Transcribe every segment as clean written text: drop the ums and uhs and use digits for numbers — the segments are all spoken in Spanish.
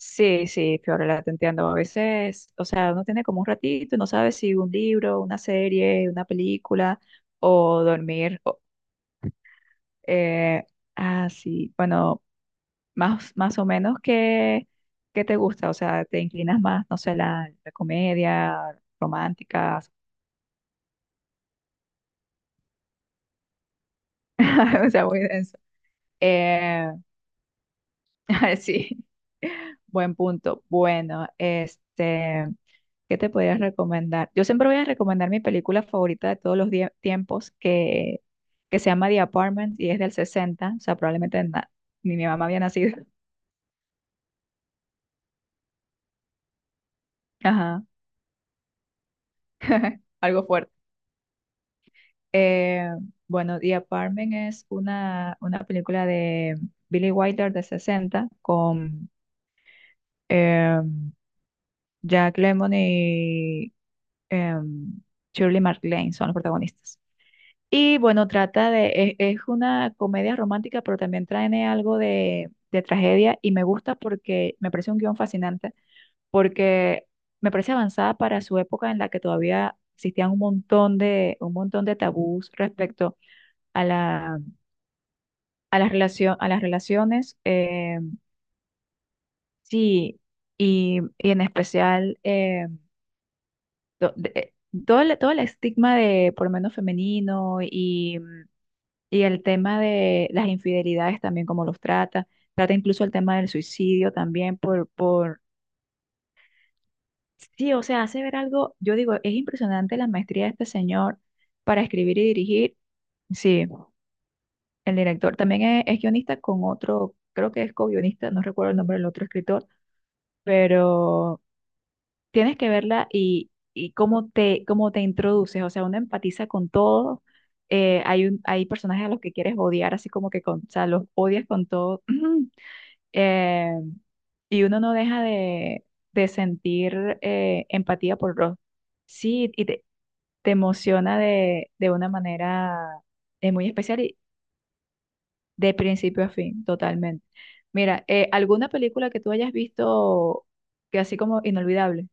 Sí, sí, Fiorella, te entiendo. A veces, o sea, uno tiene como un ratito y no sabe si un libro, una serie, una película o dormir. Eh, sí, bueno, más o menos que te gusta, o sea, te inclinas más, no sé, la comedia romántica. O sea, muy denso. Eh, sí. Buen punto. Bueno, este, ¿qué te podría recomendar? Yo siempre voy a recomendar mi película favorita de todos los tiempos, que se llama The Apartment y es del 60, o sea, probablemente ni mi mamá había nacido. Ajá, algo fuerte. Eh, bueno, The Apartment es una película de Billy Wilder de 60 con em, Jack Lemmon y em, Shirley MacLaine, son los protagonistas. Y bueno, trata de, es una comedia romántica, pero también trae algo de tragedia y me gusta porque me parece un guión fascinante, porque me parece avanzada para su época en la que todavía existían un montón de tabús respecto a la, a las relación, a las relaciones. Sí, y en especial to- de- eh, todo el estigma de por lo menos femenino. Y el tema de las infidelidades también, cómo los trata. Trata incluso el tema del suicidio también por... Sí, o sea, hace ver algo, yo digo, es impresionante la maestría de este señor para escribir y dirigir. Sí, el director también es guionista con otro, creo que es co-guionista, no recuerdo el nombre del otro escritor, pero tienes que verla y, cómo te introduces, o sea, uno empatiza con todo. Hay personajes a los que quieres odiar, así como que con, o sea, los odias con todo. eh, y uno no deja de sentir empatía por Ross. Sí, te emociona de una manera muy especial y de principio a fin, totalmente. Mira, ¿alguna película que tú hayas visto que así como inolvidable?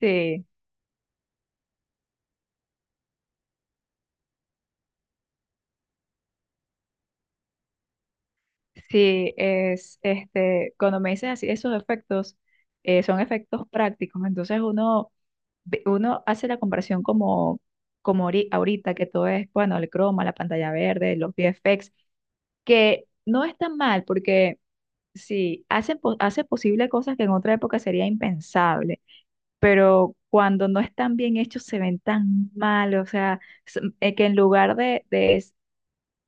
Sí, sí, es este, cuando me dices así, esos efectos son efectos prácticos, entonces uno uno hace la comparación como, como ahorita, que todo es, bueno, el croma, la pantalla verde, los VFX, que no es tan mal, porque sí, hacen, hace posible cosas que en otra época sería impensable, pero cuando no están bien hechos se ven tan mal, o sea, s- que en lugar de es-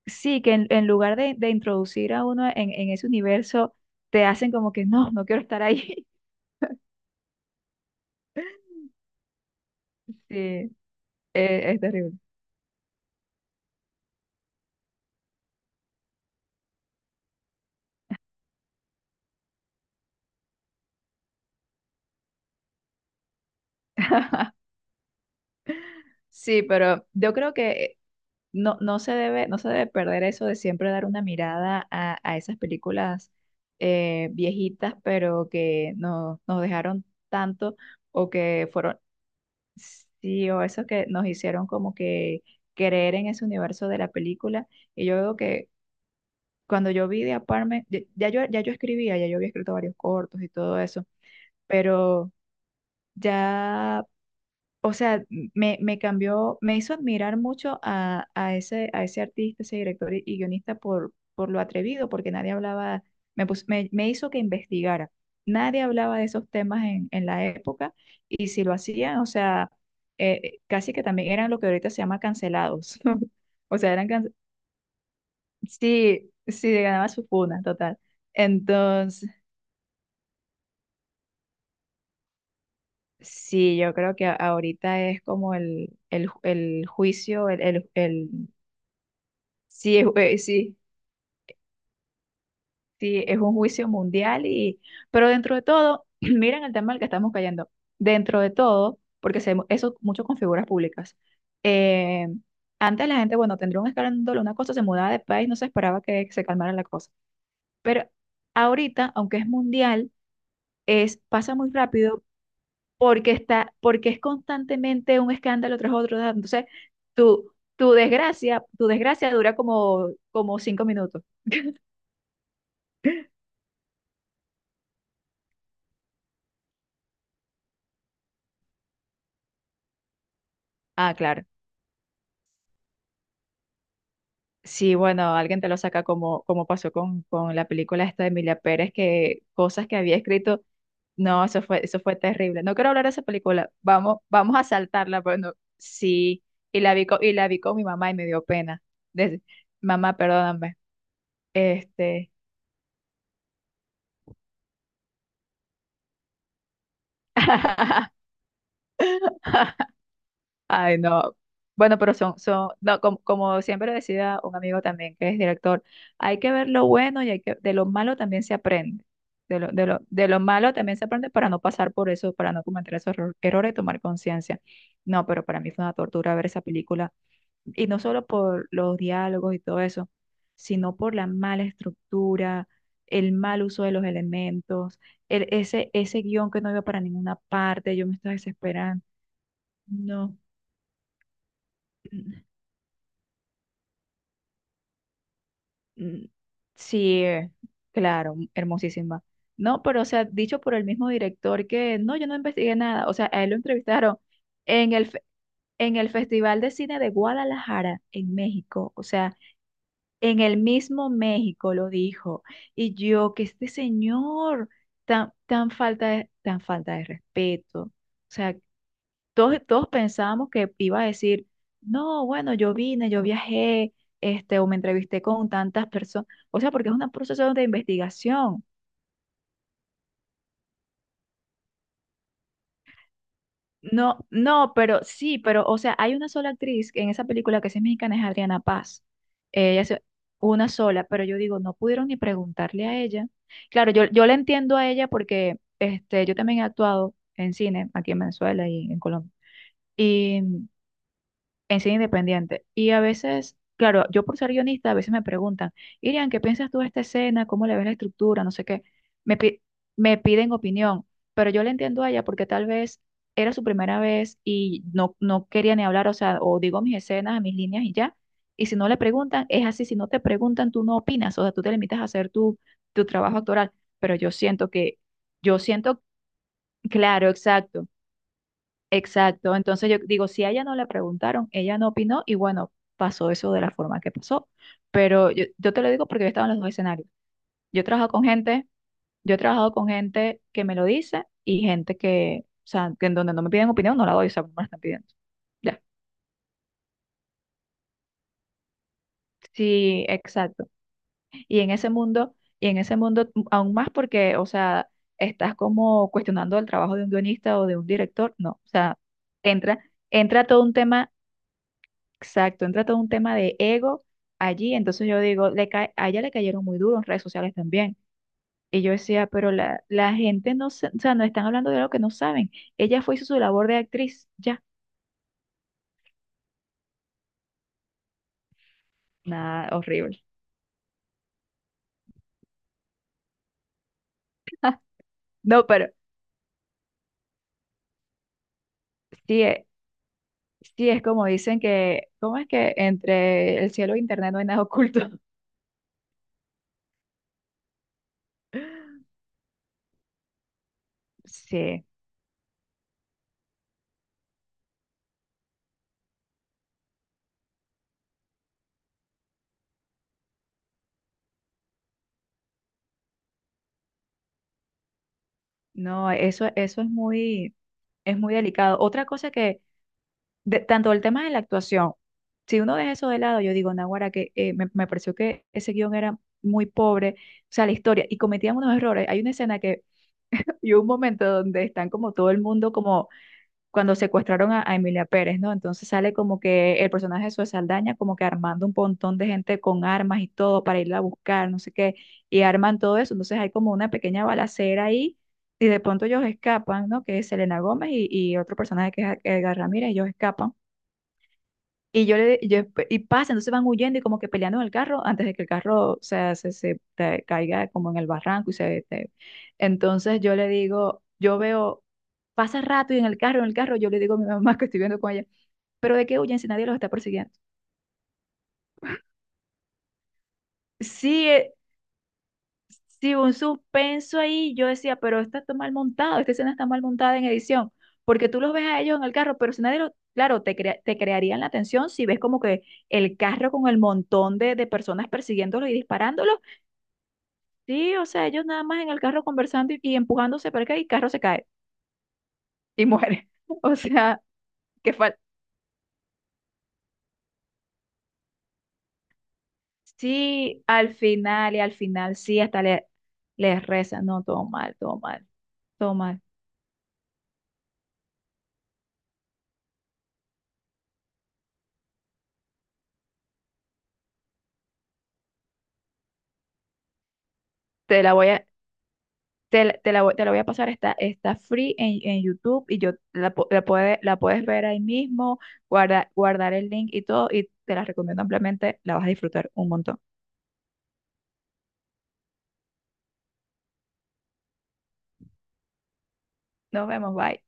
sí, que en lugar de introducir a uno en ese universo, te hacen como que no, no quiero estar ahí. Sí, es terrible. Sí, pero yo creo que no, no se debe perder eso de siempre dar una mirada a esas películas viejitas, pero que nos dejaron tanto o que fueron, sí, o eso que nos hicieron como que creer en ese universo de la película. Y yo veo que cuando yo vi de Apartment, ya yo escribía, ya yo había escrito varios cortos y todo eso, pero ya, o sea, me cambió, me hizo admirar mucho a, a ese artista, ese director y guionista por lo atrevido, porque nadie hablaba, me hizo que investigara. Nadie hablaba de esos temas en la época y si lo hacían, o sea, casi que también eran lo que ahorita se llama cancelados. O sea, eran, sí, sí, ganaba su funa, total. Entonces, sí, yo creo que ahorita es como el juicio, el... Sí, sí, sí, es un juicio mundial y, pero dentro de todo, miren el tema al que estamos cayendo. Dentro de todo, porque se, eso mucho con figuras públicas. eh, Antes la gente, bueno, tendría un escándalo, una cosa, se mudaba de país, no se esperaba que se calmara la cosa. Pero ahorita, aunque es mundial, es, pasa muy rápido porque está, porque es constantemente un escándalo tras otro. Tras otro. Entonces, tu desgracia dura como, como 5 minutos. Ah, claro. Sí, bueno, alguien te lo saca como, como pasó con la película esta de Emilia Pérez, que cosas que había escrito, no, eso fue terrible. No quiero hablar de esa película, vamos, vamos a saltarla, pero no, sí, y la vi con, y la vi con mi mamá y me dio pena. Des- Mamá, perdóname. Este, ay, no. Bueno, pero no, como, como siempre decía un amigo también que es director, hay que ver lo bueno y hay que, de lo malo también se aprende. De lo, de lo malo también se aprende para no pasar por eso, para no cometer esos errores y tomar conciencia. No, pero para mí fue una tortura ver esa película. Y no solo por los diálogos y todo eso, sino por la mala estructura, el mal uso de los elementos, ese guión que no iba para ninguna parte, yo me estaba desesperando. No. Mm, sí, claro, hermosísima. No, pero o sea, dicho por el mismo director que no, yo no investigué nada. O sea, a él lo entrevistaron en en el Festival de Cine de Guadalajara, en México. O sea, en el mismo México lo dijo. Y yo, que este señor, tan falta de respeto. O sea, todos pensábamos que iba a decir, no, bueno, yo vine, yo viajé, este, o me entrevisté con tantas personas, o sea, porque es un proceso de investigación. No, no, pero sí, pero, o sea, hay una sola actriz en esa película que sí es mexicana, es Adriana Paz. Ella es una sola, pero yo digo, no pudieron ni preguntarle a ella. Claro, yo la entiendo a ella porque este, yo también he actuado en cine aquí en Venezuela y en Colombia. Y en cine independiente. Y a veces, claro, yo por ser guionista, a veces me preguntan, Irian, ¿qué piensas tú de esta escena? ¿Cómo le ves la estructura? No sé qué. Me, pi- Me piden opinión, pero yo le entiendo a ella porque tal vez era su primera vez y no, no quería ni hablar, o sea, o digo mis escenas, mis líneas y ya. Y si no le preguntan, es así, si no te preguntan, tú no opinas, o sea, tú te limitas a hacer tu trabajo actoral. Pero yo siento que, yo siento, claro, exacto. Exacto, entonces yo digo, si a ella no le preguntaron, ella no opinó y bueno, pasó eso de la forma que pasó. Pero yo te lo digo porque yo he estado en los dos escenarios. Yo he trabajado con gente, yo he trabajado con gente que me lo dice y gente que, o sea, que en donde no me piden opinión, no la doy, o sea, no me la están pidiendo. Ya. Sí, exacto. Y en ese mundo, y en ese mundo aún más porque, o sea, estás como cuestionando el trabajo de un guionista o de un director, no, o sea, entra, entra todo un tema. Exacto, entra todo un tema de ego allí, entonces yo digo, a ella le cayeron muy duro en redes sociales también. Y yo decía, pero la gente no, o sea, no están hablando de algo que no saben. Ella fue, hizo su labor de actriz, ya, nada, horrible. No, pero sí, sí es como dicen que, ¿cómo es que entre el cielo e internet no hay nada oculto? Sí, no, eso es muy delicado. Otra cosa que tanto el tema de la actuación, si uno deja eso de lado, yo digo, Naguará, que me pareció que ese guión era muy pobre, o sea, la historia, y cometían unos errores. Hay una escena que, y un momento donde están como todo el mundo, como cuando secuestraron a Emilia Pérez, ¿no? Entonces sale como que el personaje de Zoe Saldaña, como que armando un montón de gente con armas y todo para irla a buscar, no sé qué, y arman todo eso. Entonces hay como una pequeña balacera ahí. Y de pronto ellos escapan, ¿no? Que es Selena Gómez y otro personaje que es Edgar Ramírez, ellos escapan. Y yo le, y yo, y pasa, entonces van huyendo y como que peleando en el carro antes de que el carro, o sea, se te caiga como en el barranco y entonces yo le digo, yo veo, pasa rato y en el carro, yo le digo a mi mamá que estoy viendo con ella, pero ¿de qué huyen si nadie los está persiguiendo? Sí, sí, un suspenso ahí, yo decía, pero esto está mal montado, esta escena está mal montada en edición, porque tú los ves a ellos en el carro, pero si nadie lo, claro, te, te crearían la atención si ves como que el carro con el montón de personas persiguiéndolo y disparándolo. Sí, o sea, ellos nada más en el carro conversando y empujándose para acá y el carro se cae y muere. O sea, que fal sí, al final y al final, sí, hasta le, les rezan, no, todo mal, todo mal, todo mal. Te la voy a, te la, voy- Te la voy a pasar, está, está free en YouTube y yo la, la puedes ver ahí mismo, guardar el link y todo, y te la recomiendo ampliamente, la vas a disfrutar un montón. Nos vemos, bye.